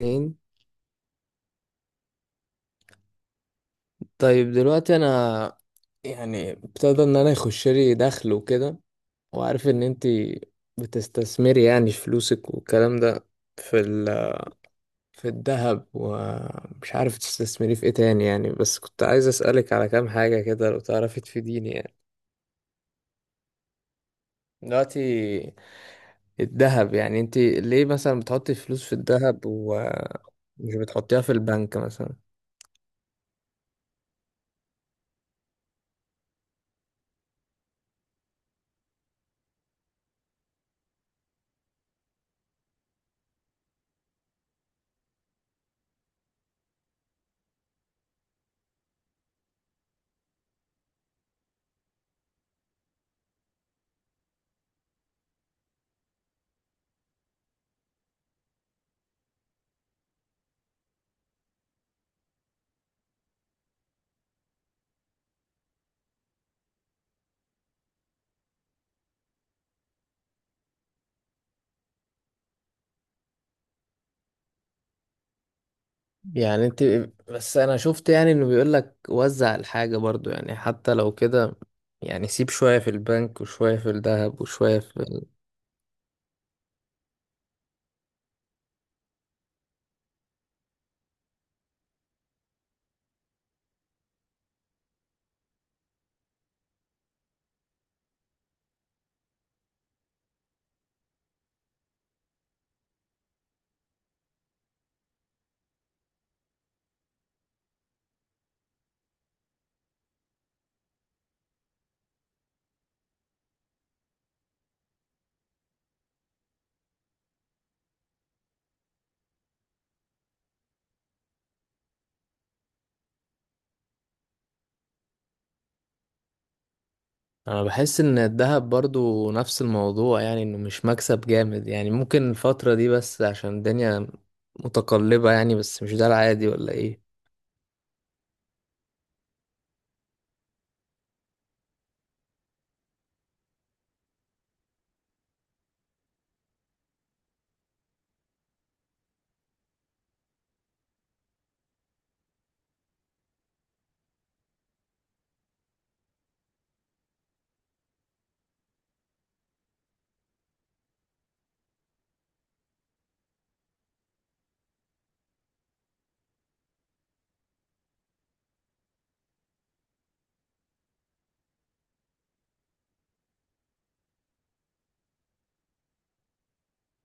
اتنين. طيب دلوقتي انا ابتدى ان انا يخش لي دخل وكده، وعارف ان انتي بتستثمري يعني فلوسك والكلام ده في في الذهب، ومش عارف تستثمري في ايه تاني يعني، بس كنت عايز اسألك على كام حاجة كده لو تعرفي تفيديني يعني. دلوقتي الذهب، يعني انتي ليه مثلا بتحطي فلوس في الذهب ومش بتحطيها في البنك مثلا؟ يعني انت، بس انا شفت يعني انه بيقول لك وزع الحاجة برضو، يعني حتى لو كده يعني سيب شوية في البنك وشوية في الذهب وشوية في ال... انا بحس ان الذهب برضو نفس الموضوع، يعني انه مش مكسب جامد يعني، ممكن الفترة دي بس عشان الدنيا متقلبة يعني، بس مش ده العادي ولا ايه؟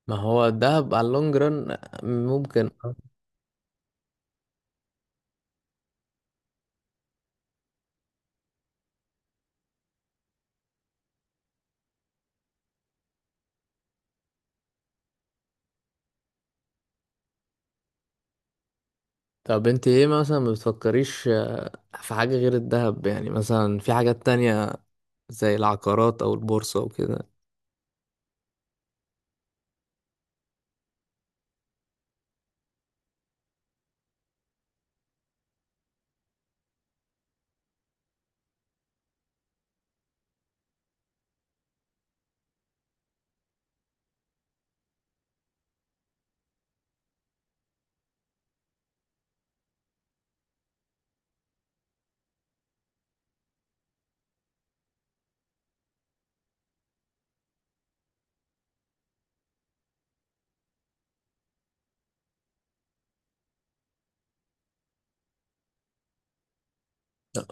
ما هو الذهب على اللونج ران ممكن. طب انت ايه مثلا، ما بتفكريش في حاجة غير الذهب يعني، مثلا في حاجات تانية زي العقارات او البورصة وكده؟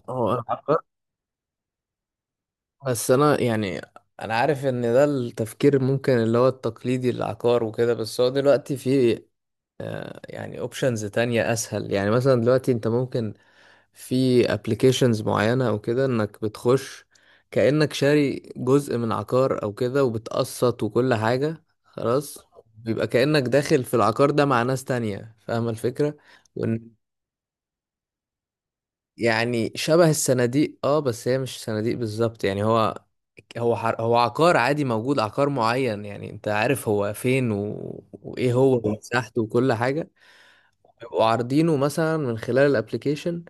هو بس انا يعني، انا عارف ان ده التفكير ممكن اللي هو التقليدي، العقار وكده، بس هو دلوقتي في يعني اوبشنز تانية اسهل، يعني مثلا دلوقتي انت ممكن في ابلكيشنز معينة او كده انك بتخش كأنك شاري جزء من عقار او كده وبتقسط وكل حاجة خلاص، بيبقى كأنك داخل في العقار ده مع ناس تانية فاهمة الفكرة. يعني شبه الصناديق، اه، بس هي مش صناديق بالظبط، يعني هو حر... هو عقار عادي موجود، عقار معين يعني انت عارف هو فين و... وايه هو، اه، ومساحته وكل حاجة، بيبقوا عارضينه مثلا من خلال الابليكيشن،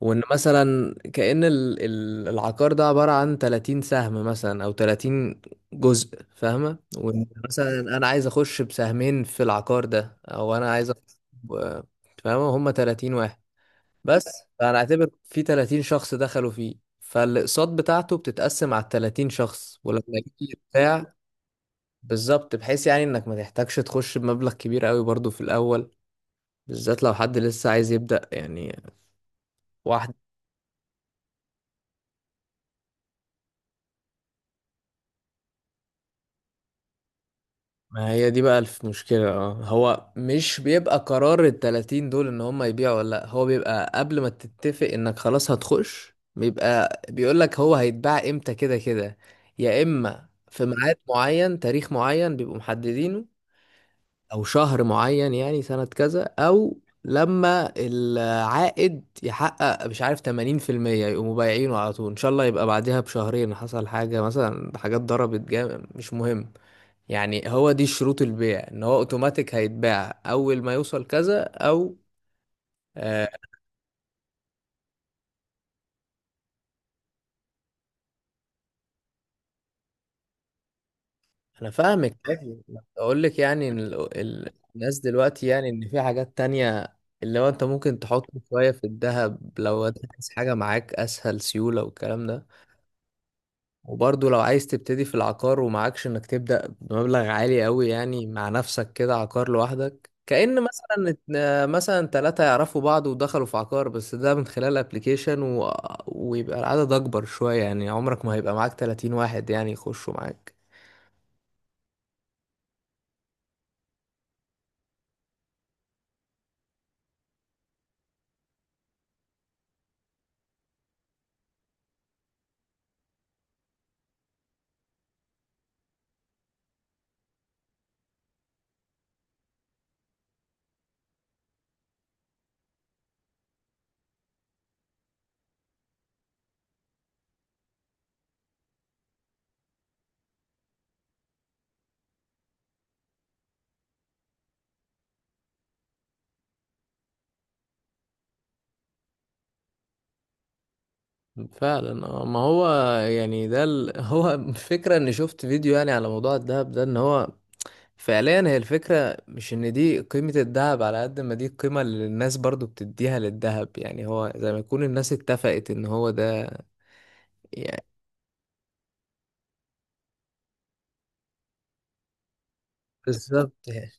وان مثلا كأن العقار ده عبارة عن 30 سهم مثلا، او 30 جزء فاهمة، وان مثلا انا عايز اخش بسهمين في العقار ده، او انا عايز اخش ب- فاهمة هما 30 واحد بس، فانا اعتبر في 30 شخص دخلوا فيه، فالاقساط بتاعته بتتقسم على ال 30 شخص، ولما يجي بتاع، بالظبط، بحيث يعني انك ما تحتاجش تخش بمبلغ كبير قوي برضو في الاول، بالذات لو حد لسه عايز يبدأ يعني واحد. ما هي دي بقى المشكلة، اه، هو مش بيبقى قرار ال 30 دول ان هم يبيعوا ولا لا، هو بيبقى قبل ما تتفق انك خلاص هتخش بيبقى بيقول لك هو هيتباع امتى، كده كده يا اما في ميعاد معين، تاريخ معين بيبقوا محددينه او شهر معين، يعني سنة كذا، او لما العائد يحقق مش عارف 80% يقوموا بايعينه على طول، ان شاء الله يبقى بعدها بشهرين حصل حاجة مثلا، حاجات ضربت جامد مش مهم، يعني هو دي شروط البيع ان هو اوتوماتيك هيتباع اول ما يوصل كذا او آه. انا فاهمك أيوة، اقول لك يعني إن الناس دلوقتي، يعني ان في حاجات تانية اللي هو انت ممكن تحط شوية في الذهب لو انت عايز حاجة معاك اسهل سيولة والكلام ده، وبرضه لو عايز تبتدي في العقار ومعكش انك تبدأ بمبلغ عالي قوي، يعني مع نفسك كده عقار لوحدك، كأن مثلا مثلا ثلاثة يعرفوا بعض ودخلوا في عقار، بس ده من خلال ابلكيشن و... ويبقى العدد اكبر شوية، يعني عمرك ما هيبقى معاك 30 واحد يعني يخشوا معاك. فعلا آه، ما هو يعني ده ال... هو الفكرة اني شفت فيديو يعني على موضوع الدهب ده، ان هو فعليا هي الفكرة مش ان دي قيمة الذهب، على قد ما دي القيمة اللي الناس برضو بتديها للذهب، يعني هو زي ما يكون الناس اتفقت ان هو ده يعني. بالظبط يعني.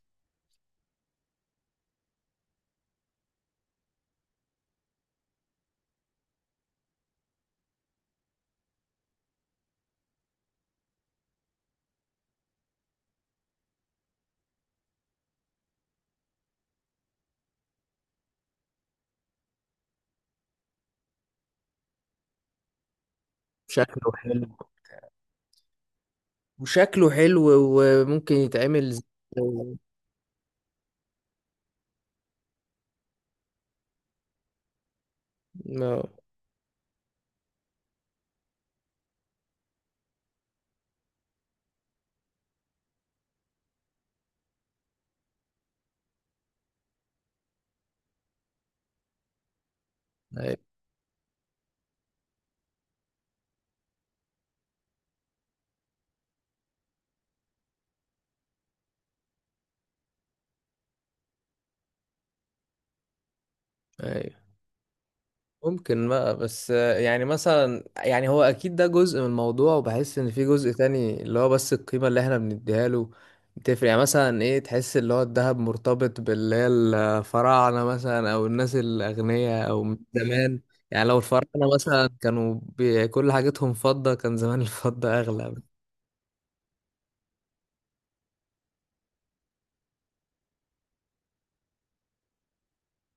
شكله حلو. وشكله حلو، وممكن يتعمل زي- ما- أيوة، أيوة. ممكن بقى بس، يعني مثلا، يعني هو اكيد ده جزء من الموضوع، وبحس ان في جزء تاني اللي هو بس القيمة اللي احنا بنديها له بتفرق، يعني مثلا ايه تحس اللي هو الذهب مرتبط باللي هي الفراعنة مثلا، او الناس الاغنياء او من زمان، يعني لو الفراعنة مثلا كانوا بي- كل حاجتهم فضة كان زمان الفضة اغلى.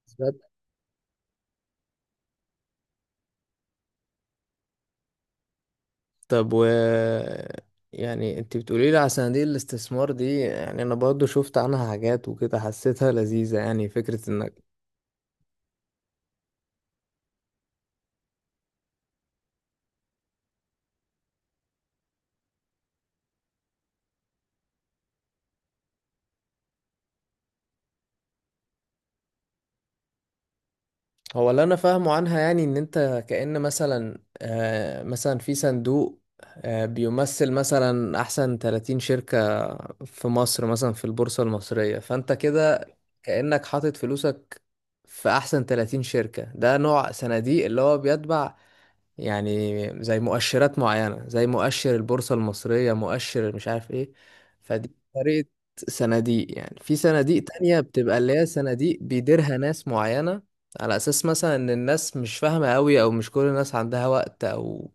بالظبط. طب و، يعني انت بتقولي لي على صناديق الاستثمار دي، يعني انا برضو شفت عنها حاجات وكده حسيتها لذيذة، يعني فكرة انك، هو اللي انا فاهمه عنها يعني ان انت كأن مثلا آه، مثلا في صندوق آه بيمثل مثلا احسن 30 شركة في مصر مثلا في البورصة المصرية، فانت كده كأنك حاطط فلوسك في احسن 30 شركة، ده نوع صناديق اللي هو بيتبع يعني زي مؤشرات معينة زي مؤشر البورصة المصرية، مؤشر مش عارف ايه، فدي طريقة صناديق. يعني في صناديق تانية بتبقى اللي هي صناديق بيديرها ناس معينة، على أساس مثلا إن الناس مش فاهمة أوي، أو مش كل الناس عندها وقت، أو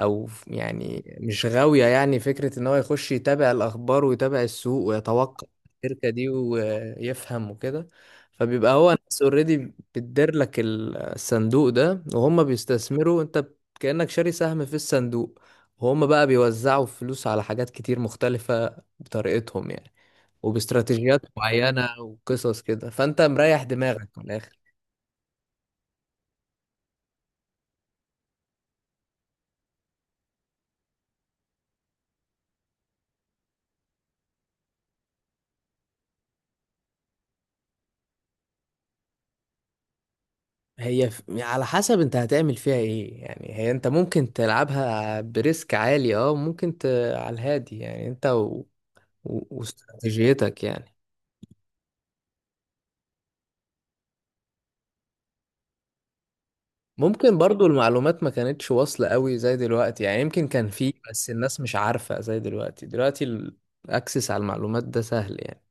أو يعني مش غاوية يعني فكرة إن هو يخش يتابع الأخبار ويتابع السوق ويتوقع الشركة دي ويفهم وكده، فبيبقى هو ناس اوريدي بتدير لك الصندوق ده وهم بيستثمروا، انت كأنك شاري سهم في الصندوق، وهم بقى بيوزعوا فلوس على حاجات كتير مختلفة بطريقتهم يعني، وباستراتيجيات معينة وقصص كده، فأنت مريح دماغك من الآخر. هي ف- على حسب انت هتعمل فيها ايه يعني، هي انت ممكن تلعبها بريسك عالي، اه، ممكن ت... على الهادي، يعني انت و... و... واستراتيجيتك يعني. ممكن برضو المعلومات ما كانتش واصلة قوي زي دلوقتي، يعني يمكن كان فيه بس الناس مش عارفة زي دلوقتي. دلوقتي الاكسس على المعلومات ده سهل يعني.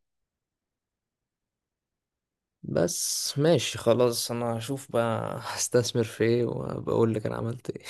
بس ماشي خلاص، انا هشوف بقى هستثمر في ايه وبقول لك انا عملت ايه.